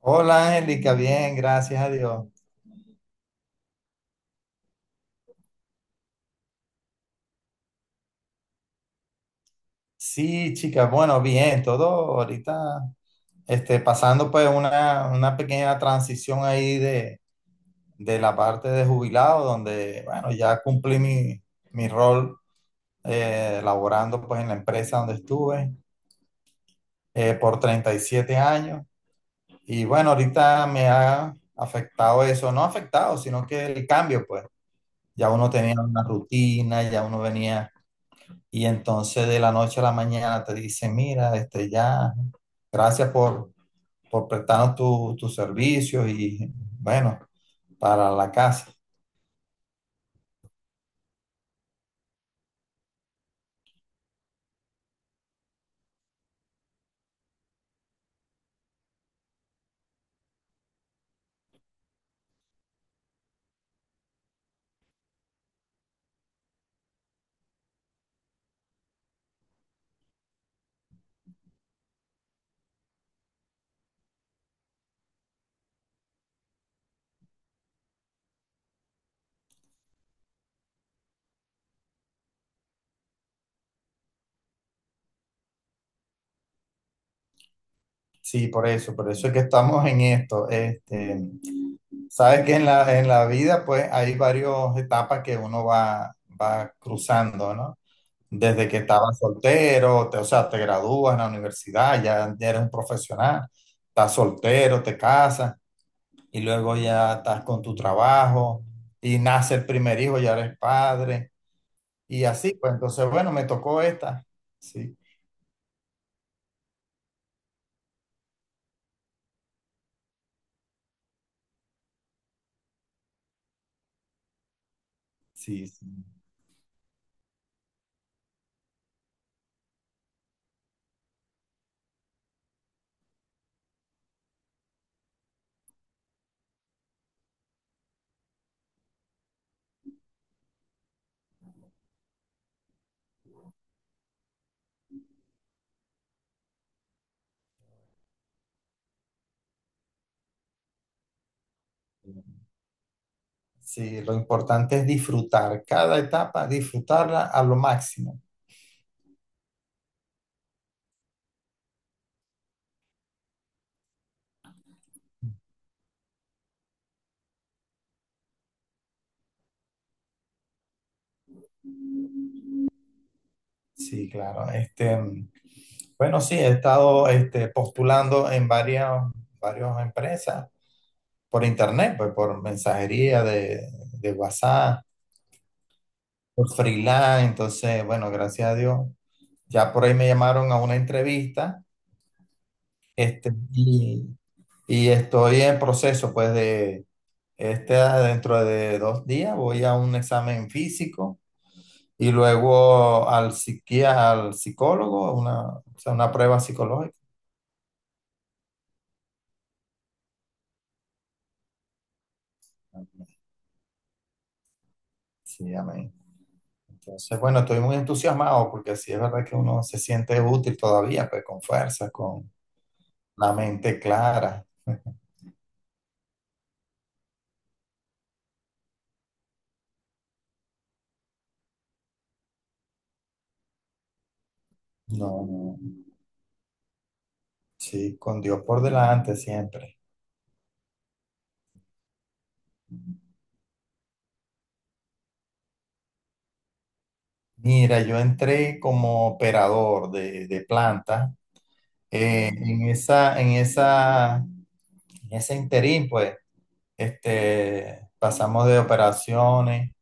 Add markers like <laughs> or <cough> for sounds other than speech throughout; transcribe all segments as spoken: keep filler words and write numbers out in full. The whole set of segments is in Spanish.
Hola Angélica, bien, gracias a Dios. Sí, chicas, bueno, bien, todo ahorita este, pasando pues una, una pequeña transición ahí de, de la parte de jubilado, donde, bueno, ya cumplí mi, mi rol eh, laborando pues en la empresa donde estuve eh, por treinta y siete años. Y bueno, ahorita me ha afectado eso, no afectado, sino que el cambio pues, ya uno tenía una rutina, ya uno venía. Y entonces de la noche a la mañana te dice, mira, este ya, gracias por, por prestarnos tu- tus servicios y bueno, para la casa. Sí, por eso, por eso es que estamos en esto. Este, sabes que en la, en la vida pues hay varias etapas que uno va, va cruzando, ¿no? Desde que estabas soltero, te- o sea, te gradúas en la universidad, ya, ya eres un profesional, estás soltero, te casas, y luego ya estás con tu trabajo y nace el primer hijo, ya eres padre y así, pues entonces, bueno, me tocó esta. Sí, sí, sí. Sí, lo importante es disfrutar cada etapa, disfrutarla a lo máximo. Sí, claro. Este, bueno, sí, he estado este, postulando en varias, varias empresas por internet, pues por mensajería de, de WhatsApp, por freelance. Entonces, bueno, gracias a Dios. Ya por ahí me llamaron a una entrevista. Este, y, y estoy en proceso, pues, de este dentro de dos días voy a un examen físico y luego al psiquia, al psicólogo, una, o sea, una prueba psicológica. Sí, amén. Entonces, bueno, estoy muy entusiasmado porque sí es verdad que uno se siente útil todavía, pues, con fuerza, con la mente clara. <laughs> No, no, sí, con Dios por delante siempre. Mira, yo entré como operador de, de planta. Eh, en esa, en esa, en ese interín, pues, este, pasamos de operaciones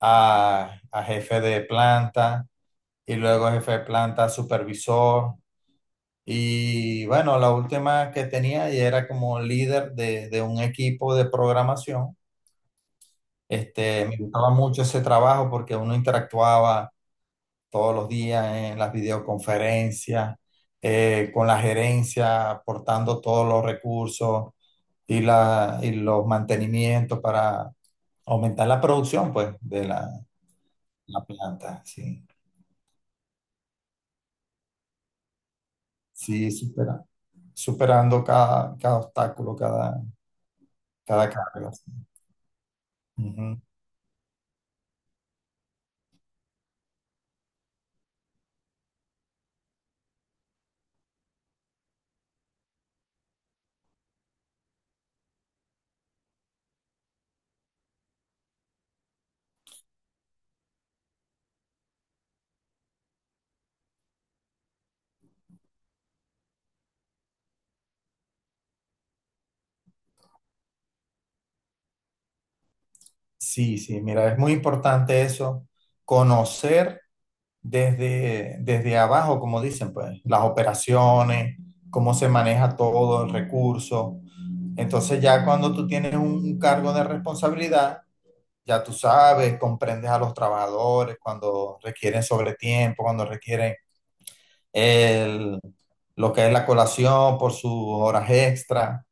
a, a jefe de planta y luego jefe de planta a supervisor. Y bueno, la última que tenía y era como líder de, de un equipo de programación. Este, me gustaba mucho ese trabajo porque uno interactuaba todos los días en las videoconferencias, eh, con la gerencia, aportando todos los recursos y, la, y los mantenimientos para aumentar la producción, pues, de la, la planta, sí. Sí, supera- superando cada, cada obstáculo, cada, cada carga. Sí. Ujú. Sí, sí, mira, es muy importante eso, conocer desde, desde abajo, como dicen, pues, las operaciones, cómo se maneja todo el recurso. Entonces ya cuando tú tienes un cargo de responsabilidad, ya tú sabes, comprendes a los trabajadores cuando requieren sobretiempo, cuando requieren el, lo que es la colación por sus horas extra.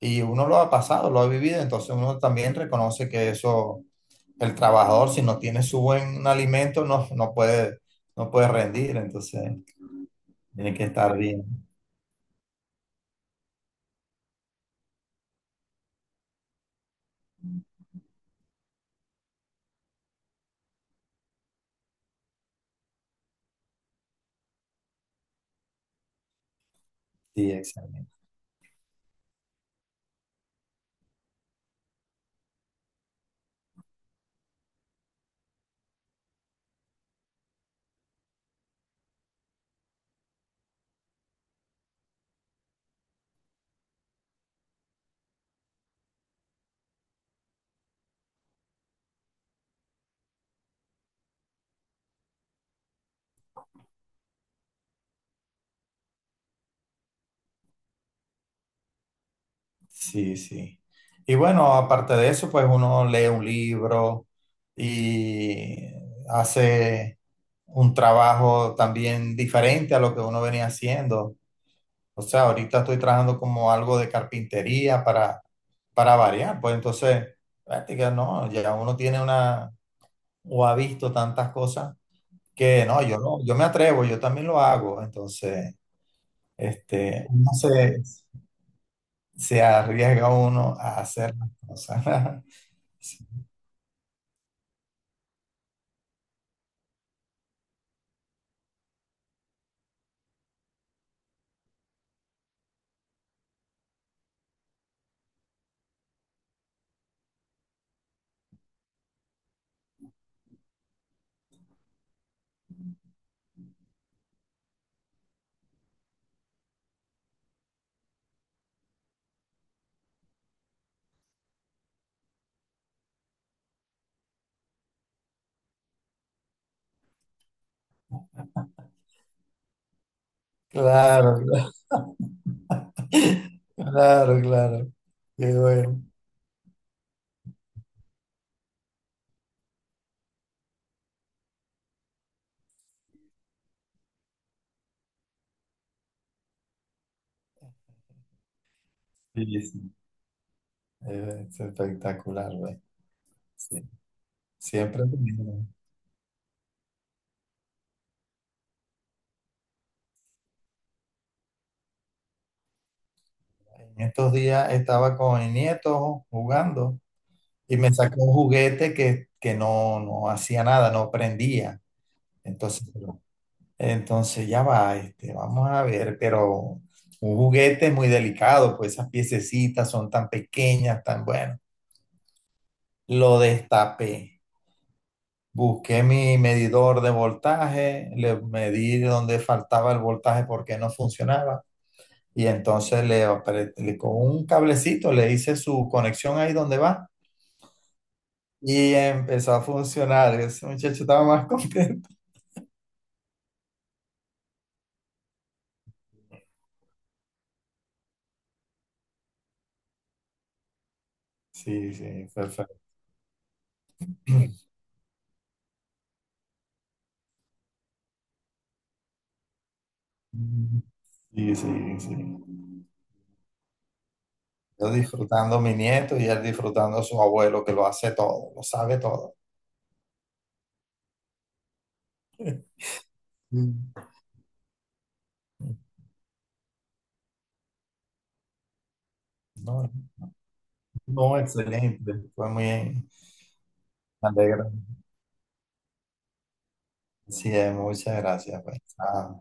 Y uno lo ha pasado, lo ha vivido, entonces uno también reconoce que eso el trabajador, si no tiene su buen alimento, no, no puede, no puede rendir, entonces tiene que estar bien. Sí, exactamente. Sí, sí. Y bueno, aparte de eso, pues uno lee un libro y hace un trabajo también diferente a lo que uno venía haciendo. O sea, ahorita estoy trabajando como algo de carpintería para, para variar. Pues entonces, práctica, no, ya uno tiene una, o ha visto tantas cosas que no, yo no, yo me atrevo, yo también lo hago. Entonces, este, uno se, se arriesga uno a hacer las cosas. <laughs> Sí, claro, claro, <laughs> claro, claro. Qué bueno. Sí, sí, es espectacular, güey. Sí, siempre lo mismo. En estos días estaba con mi nieto jugando y me sacó un juguete que, que no, no hacía nada, no prendía. Entonces, Entonces ya va, este, vamos a ver, pero un juguete es muy delicado, pues esas piececitas son tan pequeñas, tan bueno. Lo destapé, busqué mi medidor de voltaje, le medí donde faltaba el voltaje porque no funcionaba y entonces le, apre- le- con un cablecito le hice su conexión ahí donde va y empezó a funcionar. Ese muchacho estaba más <laughs> contento. Sí, sí, perfecto. <clears throat> Sí, sí, sí. Yo disfrutando a mi nieto y él disfrutando a su abuelo que lo hace todo, lo sabe todo. Mm. No, no, excelente. Fue muy bien. Me alegra. Sí, muchas gracias, pues. Ah.